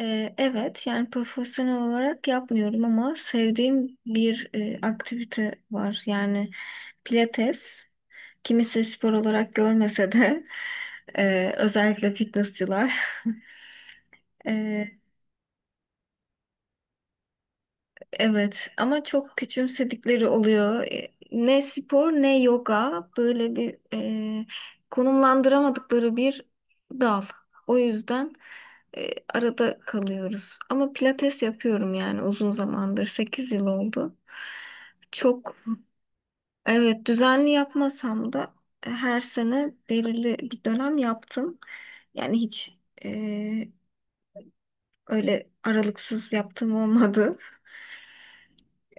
Evet, yani profesyonel olarak yapmıyorum ama sevdiğim bir aktivite var. Yani pilates, kimisi spor olarak görmese de, özellikle fitnessçılar. Evet, ama çok küçümsedikleri oluyor. Ne spor ne yoga, böyle bir e, konumlandıramadıkları bir dal. O yüzden e, arada kalıyoruz. Ama pilates yapıyorum, yani uzun zamandır 8 yıl oldu. Çok, evet, düzenli yapmasam da her sene belirli bir dönem yaptım. Yani hiç e, öyle aralıksız yaptığım olmadı.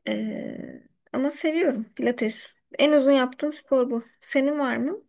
Ee, Ama seviyorum Pilates. En uzun yaptığım spor bu. Senin var mı?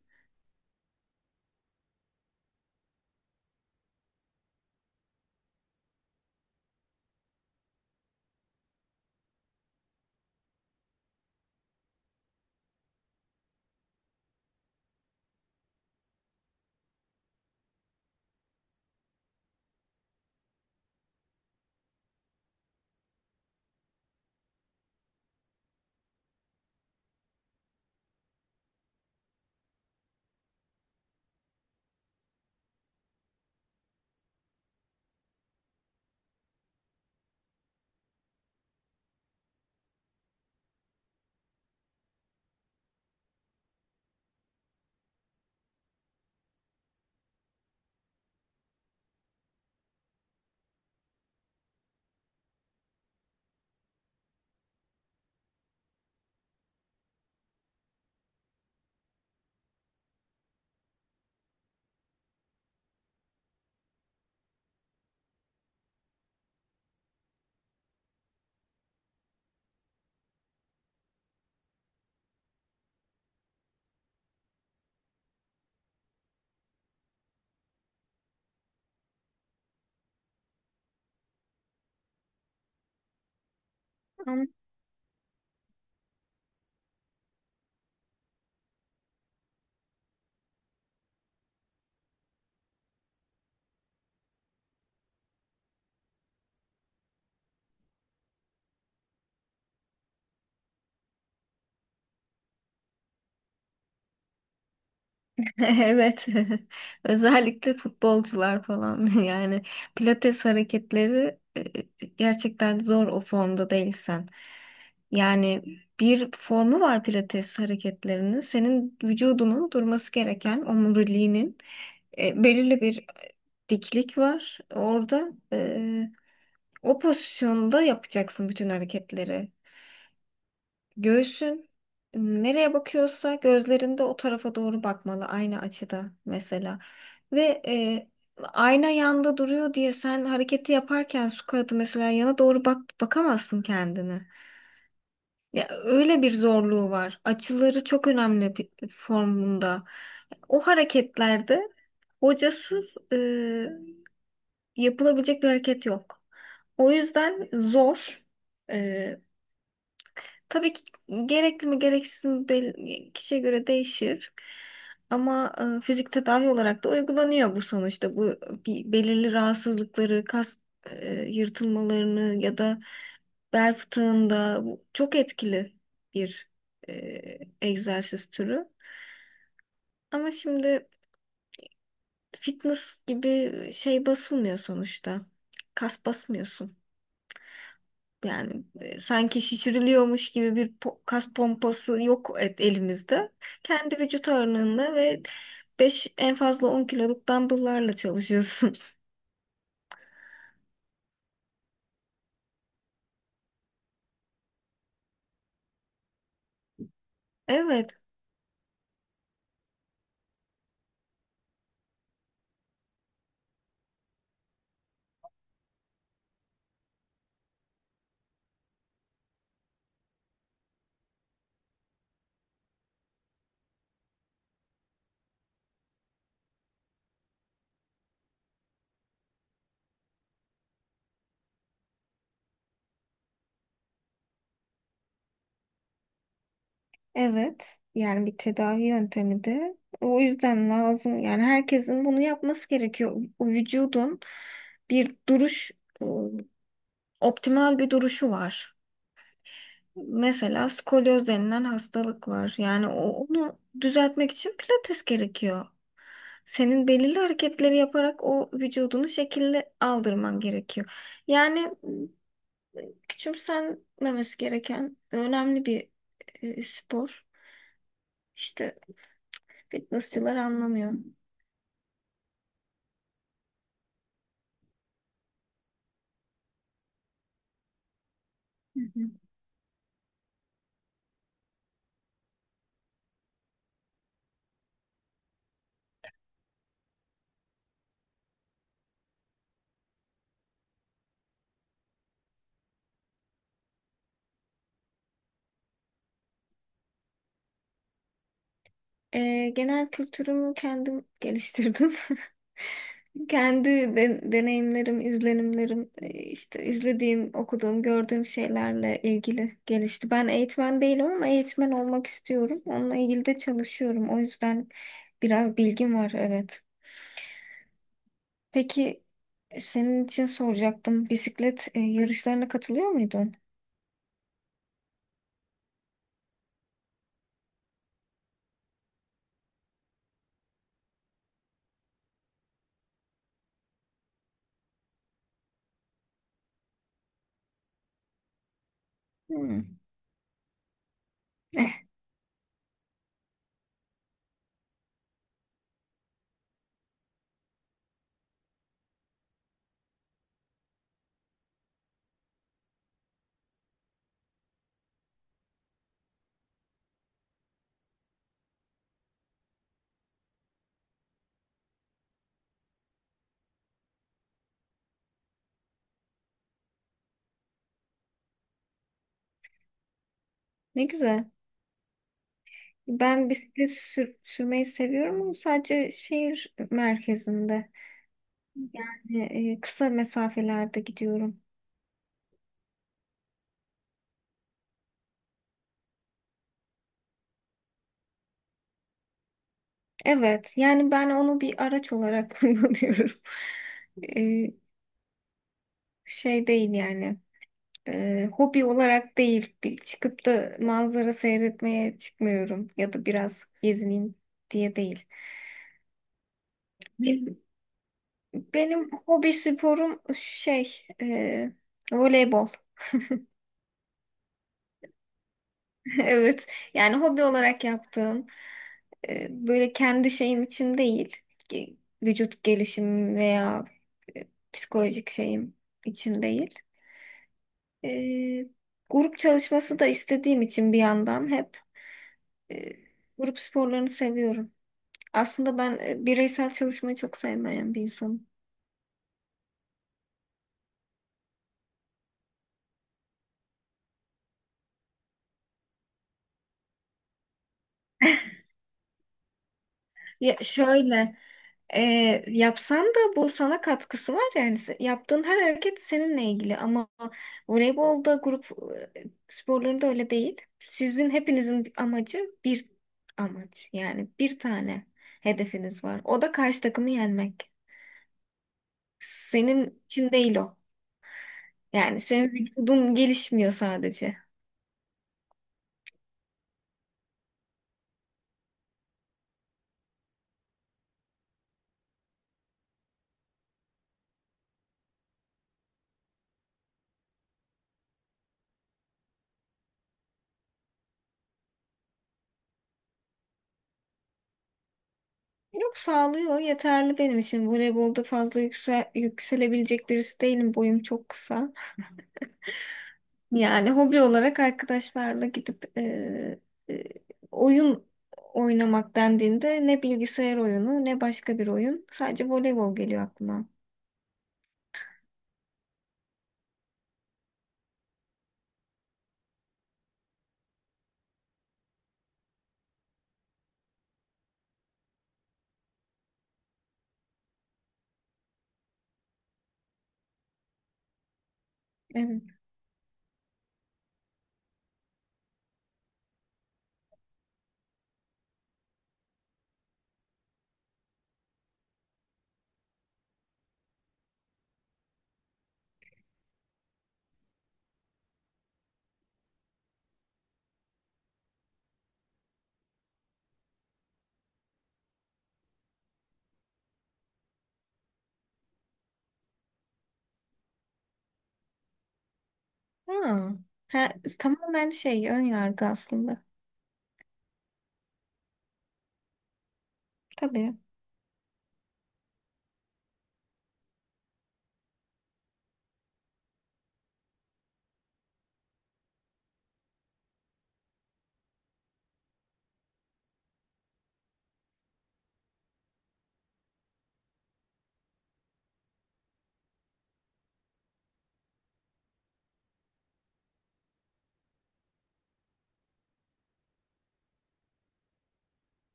Ama- Evet. Özellikle futbolcular falan, yani pilates hareketleri gerçekten zor o formda değilsen. Yani bir formu var pilates hareketlerinin. Senin vücudunun durması gereken, omuriliğinin belirli bir diklik var. Orada o pozisyonda yapacaksın bütün hareketleri. Göğsün nereye bakıyorsa gözlerinde o tarafa doğru bakmalı, aynı açıda mesela. Ve ayna yanda duruyor diye sen hareketi yaparken, su kağıdı mesela yana doğru bakamazsın kendini. Ya, öyle bir zorluğu var. Açıları çok önemli bir formunda. O hareketlerde hocasız, yapılabilecek bir hareket yok. O yüzden zor. Tabii ki gerekli mi gereksiz mi, kişiye göre değişir. Ama fizik tedavi olarak da uygulanıyor bu sonuçta. Bu, bir belirli rahatsızlıkları, kas yırtılmalarını ya da bel fıtığında, bu çok etkili bir e, egzersiz türü. Ama şimdi fitness gibi şey basılmıyor sonuçta. Kas basmıyorsun. Yani sanki şişiriliyormuş gibi bir kas pompası yok et elimizde. Kendi vücut ağırlığında ve 5, en fazla 10 kiloluk dumbbell'larla çalışıyorsun. Evet. Evet. Yani bir tedavi yöntemi de, o yüzden lazım. Yani herkesin bunu yapması gerekiyor. O vücudun bir duruş, e, optimal bir duruşu var. Mesela skolyoz denilen hastalık var. Yani onu düzeltmek için pilates gerekiyor. Senin belirli hareketleri yaparak o vücudunu şekilli aldırman gerekiyor. Yani küçümsenmemesi gereken önemli bir spor. İşte fitnessçılar anlamıyor. Hı hı. Genel kültürümü kendim geliştirdim. Kendi deneyimlerim, izlenimlerim, işte izlediğim, okuduğum, gördüğüm şeylerle ilgili gelişti. Ben eğitmen değilim ama eğitmen olmak istiyorum. Onunla ilgili de çalışıyorum. O yüzden biraz bilgim var, evet. Peki, senin için soracaktım. Bisiklet yarışlarına katılıyor muydun? Hmm. Eh, Ne güzel. Ben bisiklet sürmeyi seviyorum, ama sadece şehir merkezinde. Yani kısa mesafelerde gidiyorum. Evet, yani ben onu bir araç olarak kullanıyorum. E, Şey değil yani. Hobi olarak değil. Bir çıkıp da manzara seyretmeye çıkmıyorum ya da biraz gezineyim diye değil. Benim, benim hobi sporum şey, voleybol. Evet. Yani hobi olarak yaptığım, böyle kendi şeyim için değil. Ge- Vücut gelişim veya e, psikolojik şeyim için değil. E, Grup çalışması da istediğim için, bir yandan hep e, grup sporlarını seviyorum. Aslında ben bireysel çalışmayı çok sevmeyen bir insanım. Ya şöyle, E, yapsan da bu sana katkısı var, yani yaptığın her hareket seninle ilgili, ama voleybolda grup sporlarında öyle değil. Sizin hepinizin amacı bir amaç, yani bir tane hedefiniz var. O da karşı takımı yenmek. Senin için değil o. Yani senin vücudun gelişmiyor sadece. Yok, sağlıyor, yeterli benim için. Voleybolda fazla yükselebilecek birisi değilim. Boyum çok kısa. Yani hobi olarak arkadaşlarla gidip, e, oyun oynamak dendiğinde, ne bilgisayar oyunu ne başka bir oyun. Sadece voleybol geliyor aklıma. Evet. Ha. Ha, tamamen şey, ön yargı aslında. Tabii.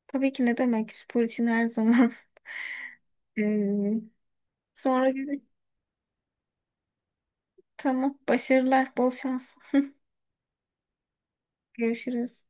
Tabii ki, ne demek, spor için her zaman. Ee, Sonra görüşürüz. Tamam. Başarılar. Bol şans. Görüşürüz.